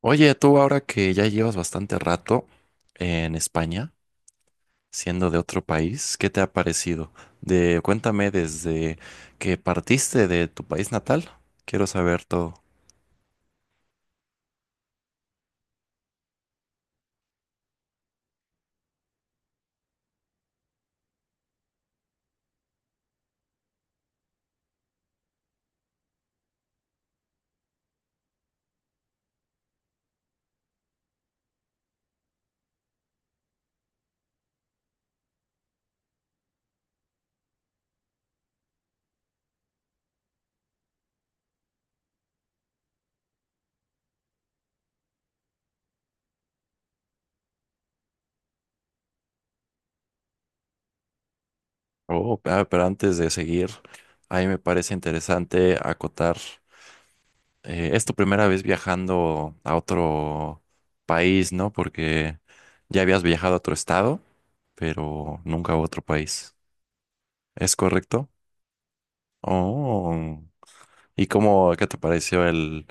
Oye, tú ahora que ya llevas bastante rato en España, siendo de otro país, ¿qué te ha parecido? De, cuéntame desde que partiste de tu país natal. Quiero saber todo. Oh, ah, pero antes de seguir, ahí me parece interesante acotar. Es tu primera vez viajando a otro país, ¿no? Porque ya habías viajado a otro estado, pero nunca a otro país. ¿Es correcto? Oh. ¿Y cómo, qué te pareció el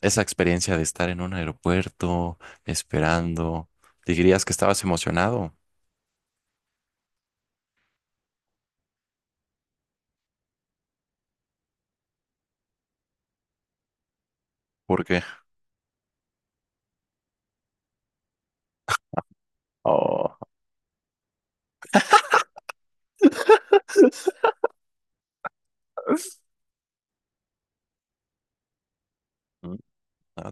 esa experiencia de estar en un aeropuerto esperando. ¿Dirías que estabas emocionado? ¿Por qué? Oh, mm, ah,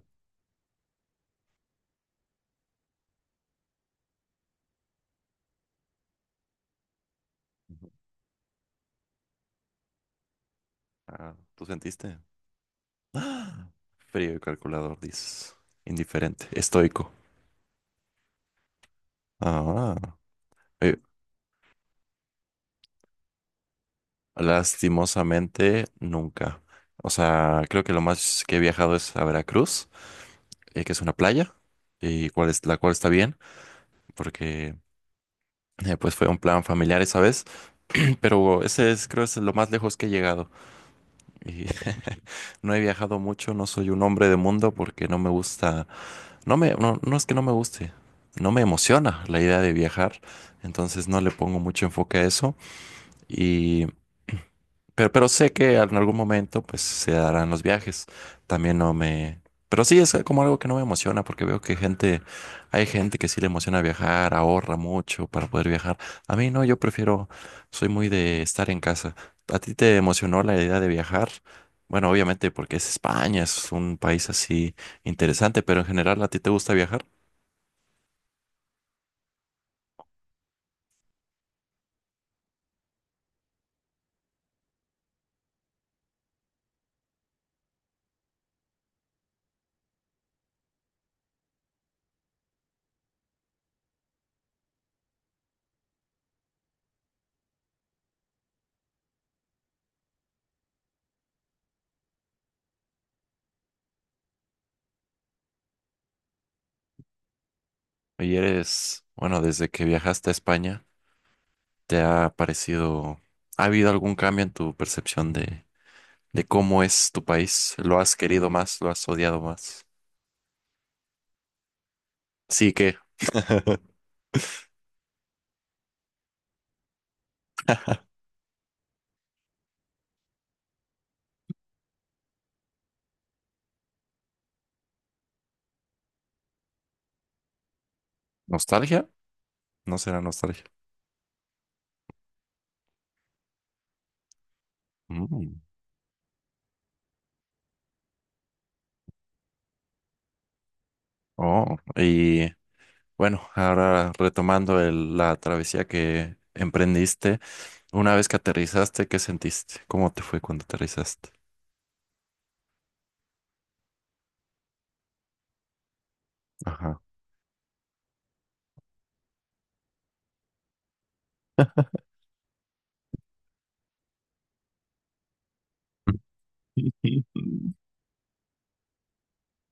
ujú. Ah, ¿tú sentiste? ¡Ah! Frío y calculador, dices. Indiferente, estoico. Ah, eh, lastimosamente, nunca. O sea, creo que lo más que he viajado es a Veracruz, que es una playa, y cual es, la cual está bien, porque pues fue un plan familiar esa vez, pero ese es, creo, es lo más lejos que he llegado. Y no he viajado mucho, no soy un hombre de mundo porque no me gusta, no me, no, no es que no me guste, no me emociona la idea de viajar, entonces no le pongo mucho enfoque a eso y Pero sé que en algún momento pues se darán los viajes. También no me... Pero sí, es como algo que no me emociona porque veo que gente, hay gente que sí le emociona viajar, ahorra mucho para poder viajar. A mí no, yo prefiero, soy muy de estar en casa. ¿A ti te emocionó la idea de viajar? Bueno, obviamente porque es España, es un país así interesante, pero en general, ¿a ti te gusta viajar? Y eres, bueno, desde que viajaste a España, ¿te ha parecido, ha habido algún cambio en tu percepción de cómo es tu país. ¿Lo has querido más? ¿Lo has odiado más? Sí, ¿qué? ¿Nostalgia? No será nostalgia. Mm. Oh, y bueno, ahora retomando el- la travesía que emprendiste, una vez que aterrizaste, ¿qué sentiste? ¿Cómo te fue cuando aterrizaste? Ajá.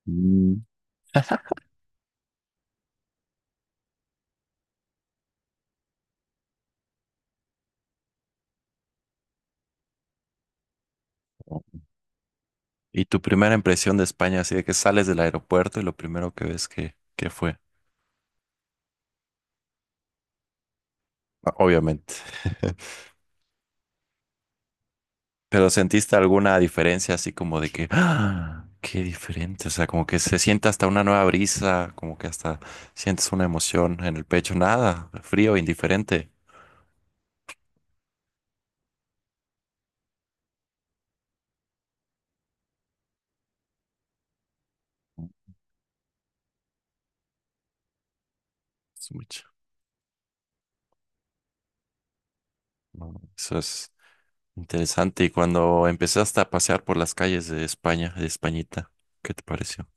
Mm. Oh. ¿Y tu primera impresión de España, así de que sales del aeropuerto y lo primero que ves que fue? Ah, obviamente. Pero ¿sentiste alguna diferencia así como de que, ¡ah! Qué diferente? O sea, como que se siente hasta una nueva brisa, como que hasta sientes una emoción en el pecho, nada, frío, indiferente. Es mucho. No, eso es interesante. Y cuando empezaste a pasear por las calles de España, de Españita, ¿qué te pareció?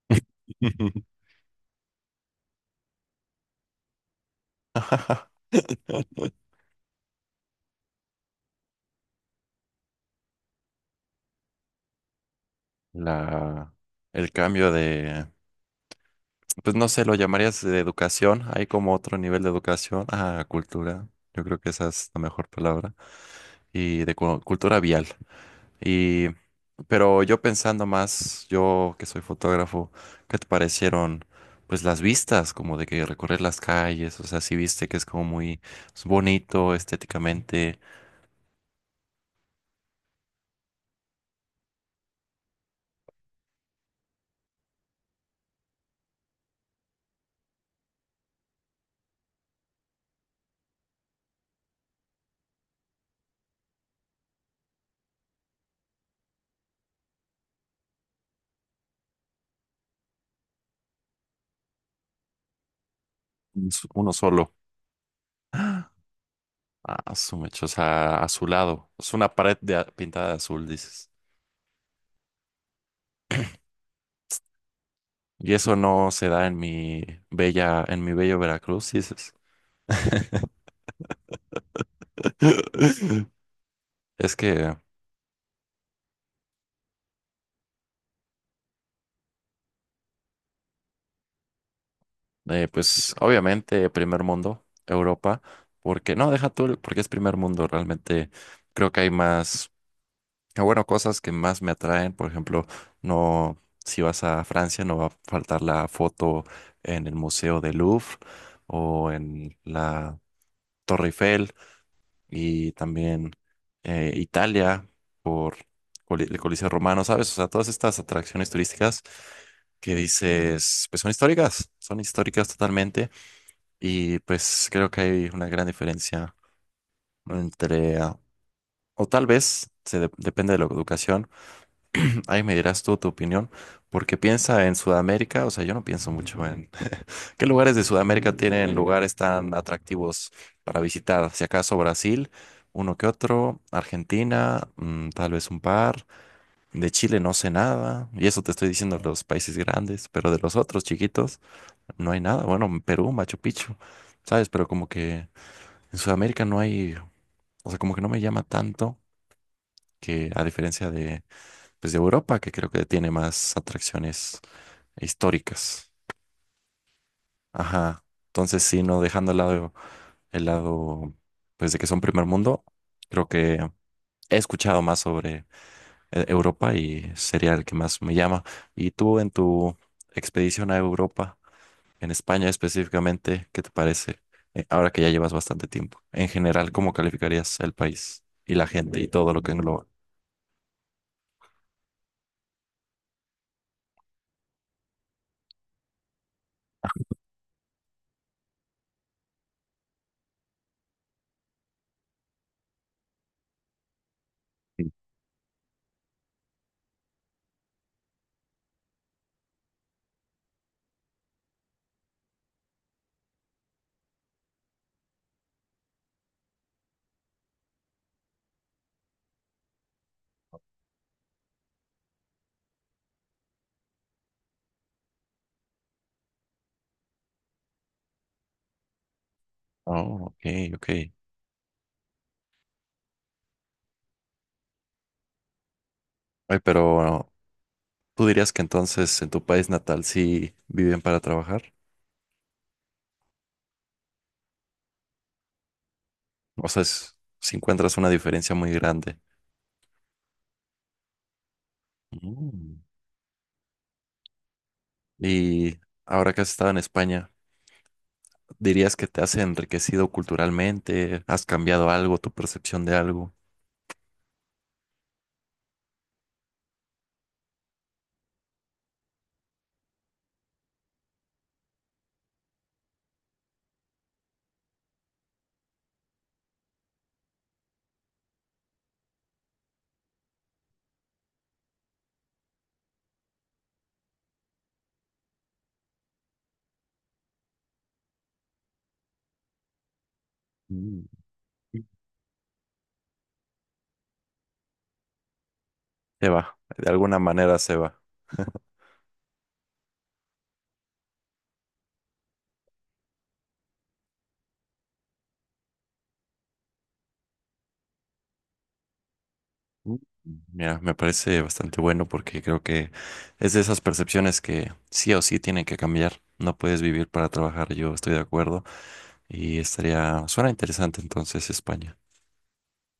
La, el cambio de, pues no sé, lo llamarías de educación. Hay como otro nivel de educación. Ah, cultura. Yo creo que esa es la mejor palabra. Y de cu- cultura vial. Y, pero yo pensando más, yo que soy fotógrafo, ¿qué te parecieron? Pues las vistas, como de que recorrer las calles, o sea, sí viste que es como muy es bonito estéticamente, un s- uno solo, a su mecha, o sea, azulado, es una pared de a- pintada de azul, dices. Y eso no se da en mi bella, en mi bello Veracruz, dices. Es que, pues, obviamente, primer mundo, Europa, porque, no, deja tú, el- porque es primer mundo, realmente creo que hay más, ah, bueno, cosas que más me atraen, por ejemplo, no, si vas a Francia, no va a faltar la foto en el Museo del Louvre o en la Torre Eiffel, y también Italia por Coli- el Coliseo Romano, ¿sabes? O sea, todas estas atracciones turísticas que dices, pues son históricas totalmente y pues creo que hay una gran diferencia entre, ah, o tal vez, se de- depende de la educación, ahí me dirás tú tu opinión, porque piensa en Sudamérica, o sea, yo no pienso mucho en ¿qué lugares de Sudamérica tienen lugares tan atractivos para visitar? Si acaso Brasil, uno que otro, Argentina, tal vez un par. De Chile no sé nada, y eso te estoy diciendo de los países grandes, pero de los otros chiquitos no hay nada. Bueno, Perú, Machu Picchu, ¿sabes? Pero como que en Sudamérica no hay, o sea, como que no me llama tanto que a diferencia de, pues, de Europa, que creo que tiene más atracciones históricas. Ajá. Entonces, sí, no dejando al lado el lado, pues de que son primer mundo, creo que he escuchado más sobre Europa y sería el que más me llama. ¿Y tú en tu expedición a Europa, en España específicamente, qué te parece? Ahora que ya llevas bastante tiempo. En general, ¿cómo calificarías el país y la gente y todo lo que engloba? Oh, ok, ok. Ay, pero ¿tú dirías que entonces en tu país natal sí viven para trabajar? O sea, es- si encuentras una diferencia muy grande. Mm. Y ahora que has estado en España, ¿dirías que te has enriquecido culturalmente? ¿Has cambiado algo, tu percepción de algo? Mm. Se va, de alguna manera se va. Mm. Mira, me parece bastante bueno porque creo que es de esas percepciones que sí o sí tienen que cambiar. No puedes vivir para trabajar, yo estoy de acuerdo. Y estaría, suena interesante entonces España.